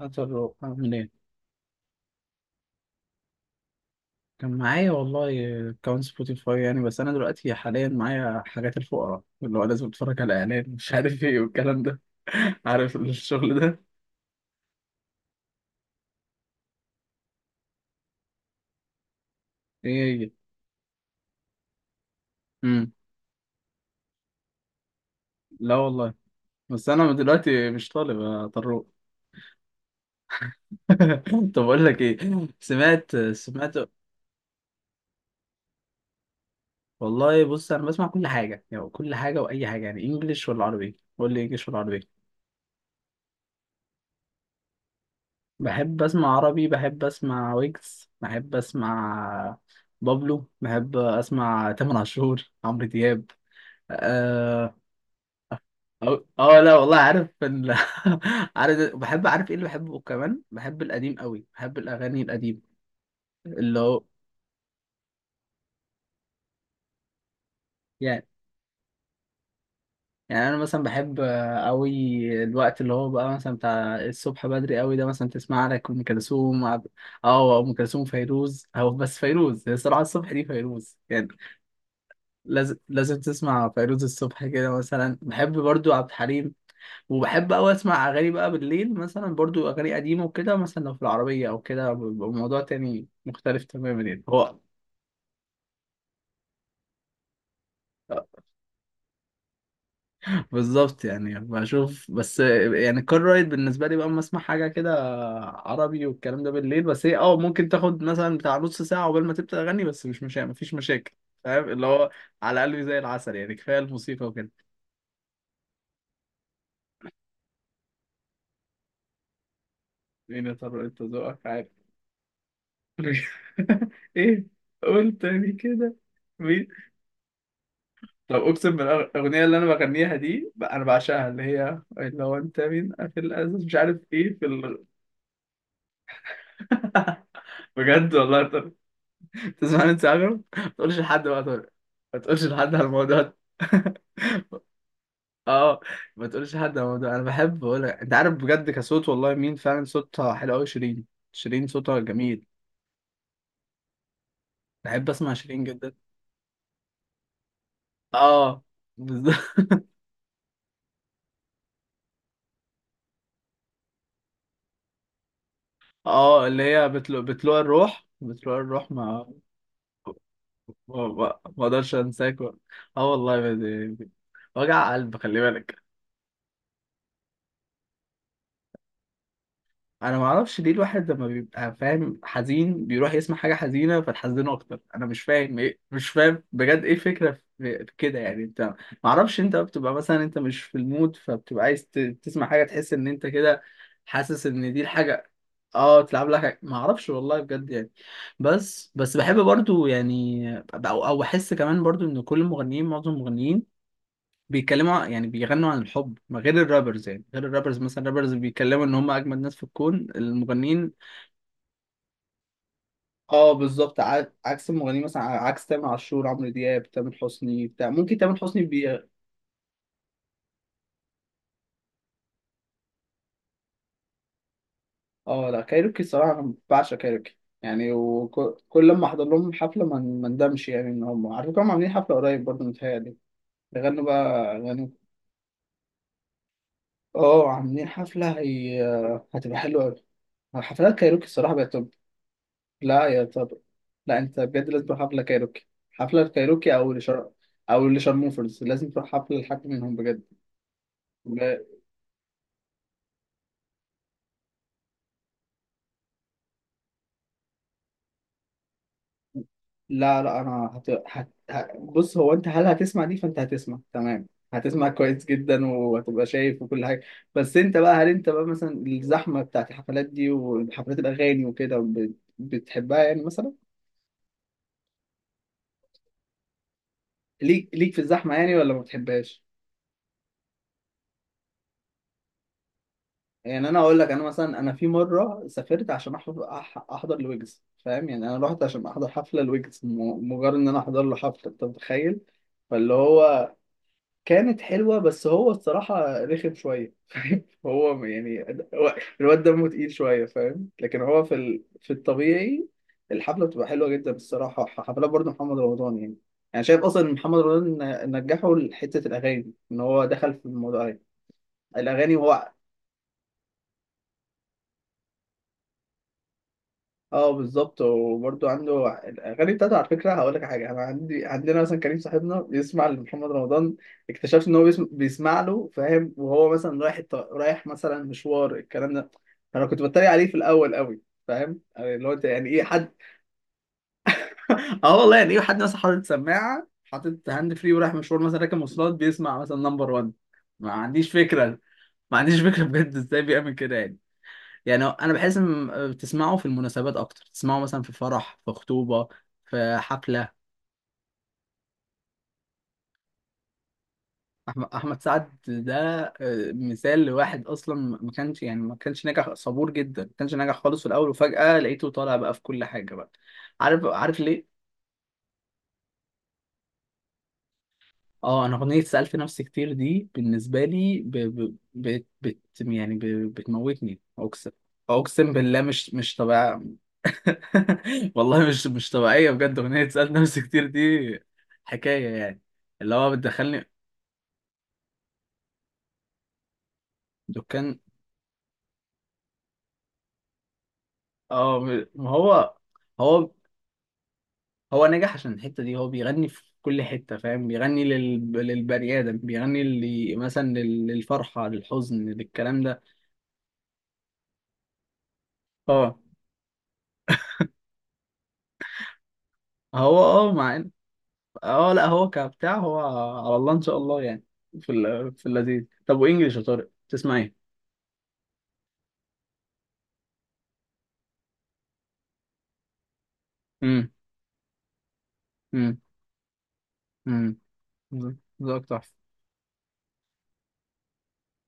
هات الروق عامل ايه؟ كان معايا والله. اكونت سبوتيفاي يعني، بس انا دلوقتي حاليا معايا حاجات الفقراء، اللي هو لازم اتفرج على اعلان مش عارف ايه والكلام ده. عارف الشغل ده؟ ايه هي؟ امم. لا والله. بس انا دلوقتي مش طالب يا طروق. طب اقول لك ايه. سمعت سمعت. والله بص، انا بسمع كل حاجه يعني، كل حاجه واي حاجه، يعني انجلش ولا عربي؟ قول لي انجلش ولا عربي. بحب اسمع عربي، بحب اسمع ويجز، بحب اسمع بابلو، بحب اسمع تامر عاشور عمرو دياب. اه. لا والله، عارف ال... عارف بحب، عارف ايه اللي بحبه كمان، بحب القديم قوي، بحب الاغاني القديم اللي هو. يعني يعني انا مثلا بحب قوي الوقت اللي هو بقى مثلا بتاع الصبح بدري قوي ده، مثلا تسمع لك ام كلثوم اه ام كلثوم فيروز، او بس فيروز هي الصراحه الصبح دي، فيروز يعني. لازم لازم تسمع فيروز الصبح كده، مثلا بحب برضو عبد الحليم. وبحب أوي أسمع أغاني بقى بالليل، مثلا برضو أغاني قديمة وكده، مثلا لو في العربية أو كده بيبقى الموضوع تاني مختلف تماما يعني هو. بالظبط يعني، بشوف بس، يعني كار رايد بالنسبة لي بقى أما أسمع حاجة كده عربي والكلام ده بالليل. بس هي أه ممكن تاخد مثلا بتاع نص ساعة قبل ما تبدأ أغني، بس مش مفيش مشاكل. فاهم اللي هو على قلبي زي العسل يعني، كفاية الموسيقى وكده. مين يا ترى؟ أنت ذوقك عارف. مش- ايه، قول تاني كده. مين؟ طب اقسم الاغنيه اللي انا بغنيها دي بقى، انا بعشقها، اللي هي اللي هو انت مين في الازاز مش عارف ايه في ال... بجد والله. طب تسمعني انت، عجب ما تقولش لحد بقى طارق. ما تقولش لحد على الموضوع ده. اه، ما تقولش لحد على الموضوع. انا بحب بقول لك، انت عارف بجد كصوت، والله مين فعلا صوتها حلو قوي، شيرين. شيرين صوتها جميل. بحب اسمع شيرين جدا. اه. بالظبط. اه اللي هي بتلوع الروح، بتلوع الروح ما، ما ما اقدرش انساك. اه والله ب- وجع قلب، خلي بالك. انا ما اعرفش ليه الواحد لما بيبقى فاهم حزين بيروح يسمع حاجه حزينه فتحزنه اكتر، انا مش فاهم، ايه مش فاهم بجد، ايه الفكره؟ في كده يعني. انت ما اعرفش انت بتبقى مثلا انت مش في المود، فبتبقى عايز تسمع حاجه تحس ان انت كده، حاسس ان دي الحاجه. اه تلعب لها حاجه، ما اعرفش والله بجد يعني. بس بس بحب برضو يعني، او احس كمان برضو ان كل المغنيين، معظم المغنيين بيتكلموا، يعني بيغنوا عن الحب، ما غير الرابرز يعني، غير الرابرز مثلا الرابرز بيتكلموا ان هم اجمد ناس في الكون، المغنيين. اه بالظبط، عكس المغنيين مثلا، عكس تامر عاشور عمرو دياب تامر حسني بتاع، ممكن تامر حسني بي. اه لا كايروكي، الصراحه انا بعشق كايروكي يعني، وكل لما احضر لهم حفله ما ما ندمش يعني. ان هم على فكره هم عاملين حفله قريب برضه متهيألي. بيغنوا بقى اغاني. اه عاملين حفله، هي هتبقى حلوه قوي. حفلات كايروكي الصراحه بقت. لا يا صبر. لا انت بجد لازم تروح حفله كايروكي، حفله كايروكي او لشارموفرز. لازم تروح حفله لحد منهم بجد. لا لا، لا، انا بص، هو انت هل هتسمع دي؟ فانت هتسمع تمام، هتسمع كويس جدا وهتبقى شايف وكل حاجه. بس انت بقى هل انت بقى مثلا الزحمه بتاعت الحفلات دي وحفلات الاغاني وكده بتحبها يعني مثلا، ليك ليك في الزحمه يعني، ولا ما بتحبهاش؟ يعني انا اقول لك، انا مثلا انا في مره سافرت عشان أحضر احضر الويجز، فاهم يعني انا رحت عشان احضر حفله الويجز، مجرد ان انا احضر له حفله، انت متخيل. فاللي هو كانت حلوه، بس هو الصراحه رخم شويه فاهم. هو يعني، هو- الواد دمه تقيل شويه فاهم، لكن هو في ال... في الطبيعي الحفله بتبقى حلوه جدا الصراحه. حفلات برضه محمد رمضان يعني، انا شايف اصلا إن محمد رمضان نجحه لحته الاغاني، ان هو دخل في الموضوع ده. الاغاني وهو. اه بالظبط. وبرده عنده الاغاني بتاعته، على فكره هقول لك حاجه، انا عندي عندنا مثلا كريم صاحبنا بيسمع لمحمد رمضان، اكتشفت ان هو بيسمع له فاهم، وهو مثلا رايح رايح مثلا مشوار الكلام ده. فانا كنت بتريق عليه في الاول قوي فاهم، يعني اللي هو انت يعني ايه حد؟ اه والله، يعني ايه حد مثلا حاطط سماعه، حاطط هاند فري، ورايح مشوار مثلا، راكب مواصلات، بيسمع مثلا نمبر 1؟ ما عنديش فكره، ما عنديش فكره بجد ازاي بيعمل كده يعني. يعني انا بحس ان بتسمعه في المناسبات اكتر، تسمعه مثلا في فرح، في خطوبه، في حفله. احمد سعد ده مثال لواحد اصلا ما كانش يعني، ما كانش ناجح صبور جدا، ما كانش ناجح خالص في الاول، وفجاه لقيته طالع بقى في كل حاجه بقى. عارف عارف ليه. اه انا اغنيه سالت نفسي كتير دي بالنسبه لي ب... ب... بت... بت... يعني ب... بتموتني، اقسم، اقسم بالله مش مش طبيعي. والله مش مش طبيعية بجد، أغنية سألت نفسي كتير دي حكاية يعني، اللي هو بتدخلني. دكان. اه ما هو، هو هو نجح عشان الحتة دي، هو بيغني في كل حتة فاهم، بيغني للبني آدم، بيغني اللي مثلا للفرحة، للحزن، للكلام ده. اه هو، اه مع اه لا هو كبتاع هو، على الله إن شاء الله يعني. في ال... في اللذيذ. طب وإنجلش يا طارق تسمع إيه؟ امم. امم. امم. ذوقك تحفة.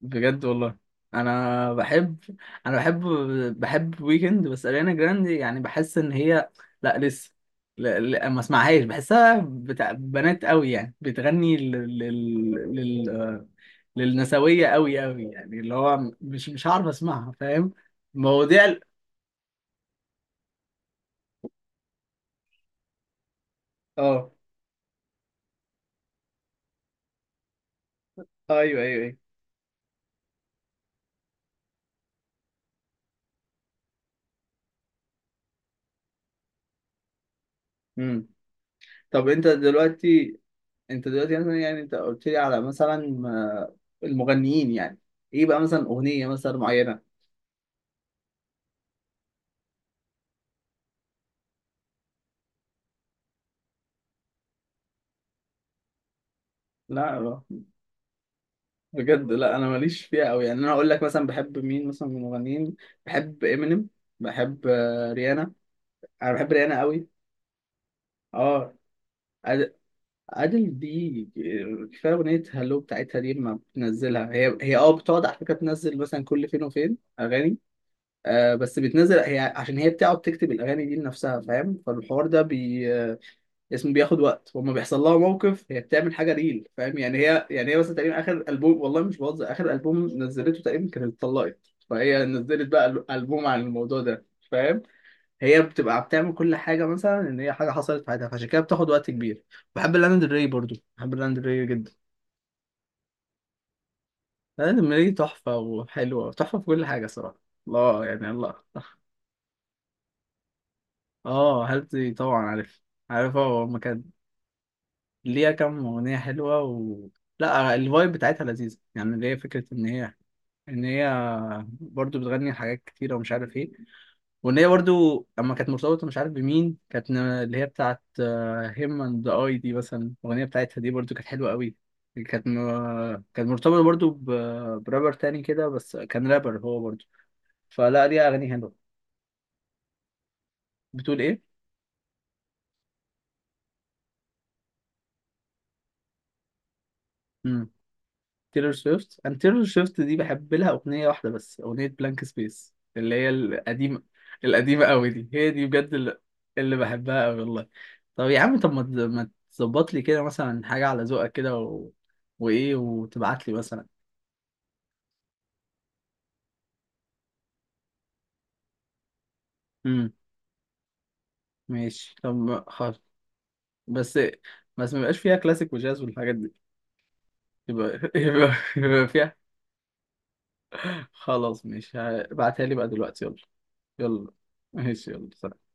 بجد والله. انا بحب، انا بحب، بحب ويكند، بس اريانا جراندي يعني بحس ان هي، لا لسه، لا لا ما اسمعهاش، بحسها بتاع بنات قوي يعني، بتغني لل... لل... لل... آه، للنسوية قوي قوي، يعني اللي هو مش مش عارف اسمعها فاهم. مواضيع اه. ايوه ايوه ايوه. امم. طب انت دلوقتي، انت دلوقتي مثلا يعني انت قلت لي على مثلا المغنيين يعني، ايه بقى مثلا اغنية مثلا معينة؟ لا بجد لا، انا ماليش فيها قوي يعني. انا اقول لك مثلا بحب مين مثلا من المغنيين، بحب امينيم، بحب ريانا، انا بحب ريانا قوي. اه أد- ادل دي، كفايه اغنيه هالو بتاعتها دي، ما بتنزلها هي، هي اه بتقعد على فكره تنزل مثلا كل فين وفين اغاني. آه، بس بتنزل هي عشان هي بتقعد تكتب الاغاني دي لنفسها فاهم، فالحوار ده بي اسم بياخد وقت، وما بيحصل لها موقف هي بتعمل حاجه ريل فاهم يعني. هي يعني، هي مثلا تقريبا اخر البوم، والله مش بهزر، اخر البوم نزلته تقريبا كانت اتطلقت فهي نزلت بقى البوم عن الموضوع ده فاهم. هي بتبقى بتعمل كل حاجه مثلا ان هي حاجه حصلت في حياتها فعشان كده بتاخد وقت كبير. بحب لانا دري برضو، بحب لانا دري جدا. لانا دري تحفه، وحلوه تحفه في كل حاجه صراحه. الله يعني الله. اه هل طبعا عارف، عارف هو المكان. ليها كام أغنية حلوة و... لا الفايب بتاعتها لذيذة يعني، اللي هي فكرة إن هي، إن هي برضو بتغني حاجات كتيرة ومش عارف إيه، وإن هي برضو لما كانت مرتبطة مش عارف بمين، كانت اللي هي بتاعت هيم أند أي دي مثلا، الأغنية بتاعتها دي برضو كانت حلوة قوي. كانت كانت مرتبطة برضو برابر تاني كده، بس كان رابر هو برضو. فلا، ليها أغاني حلوة. بتقول إيه؟ تيلر سويفت. انا تيلر سويفت دي بحب لها اغنيه واحده بس، اغنيه بلانك سبيس اللي هي القديمه، القديمه قوي دي هي دي بجد اللي بحبها قوي والله. طب يا عم، طب ما تظبط لي كده مثلا حاجه على ذوقك كده و... وايه، وتبعت لي مثلا. امم. ماشي طب خلاص. بس بس ما يبقاش فيها كلاسيك وجاز والحاجات دي، يبقى يبقى فيها. خلاص ماشي، ابعتها لي بقى دلوقتي يلا. يلا ماشي يلا، سلام.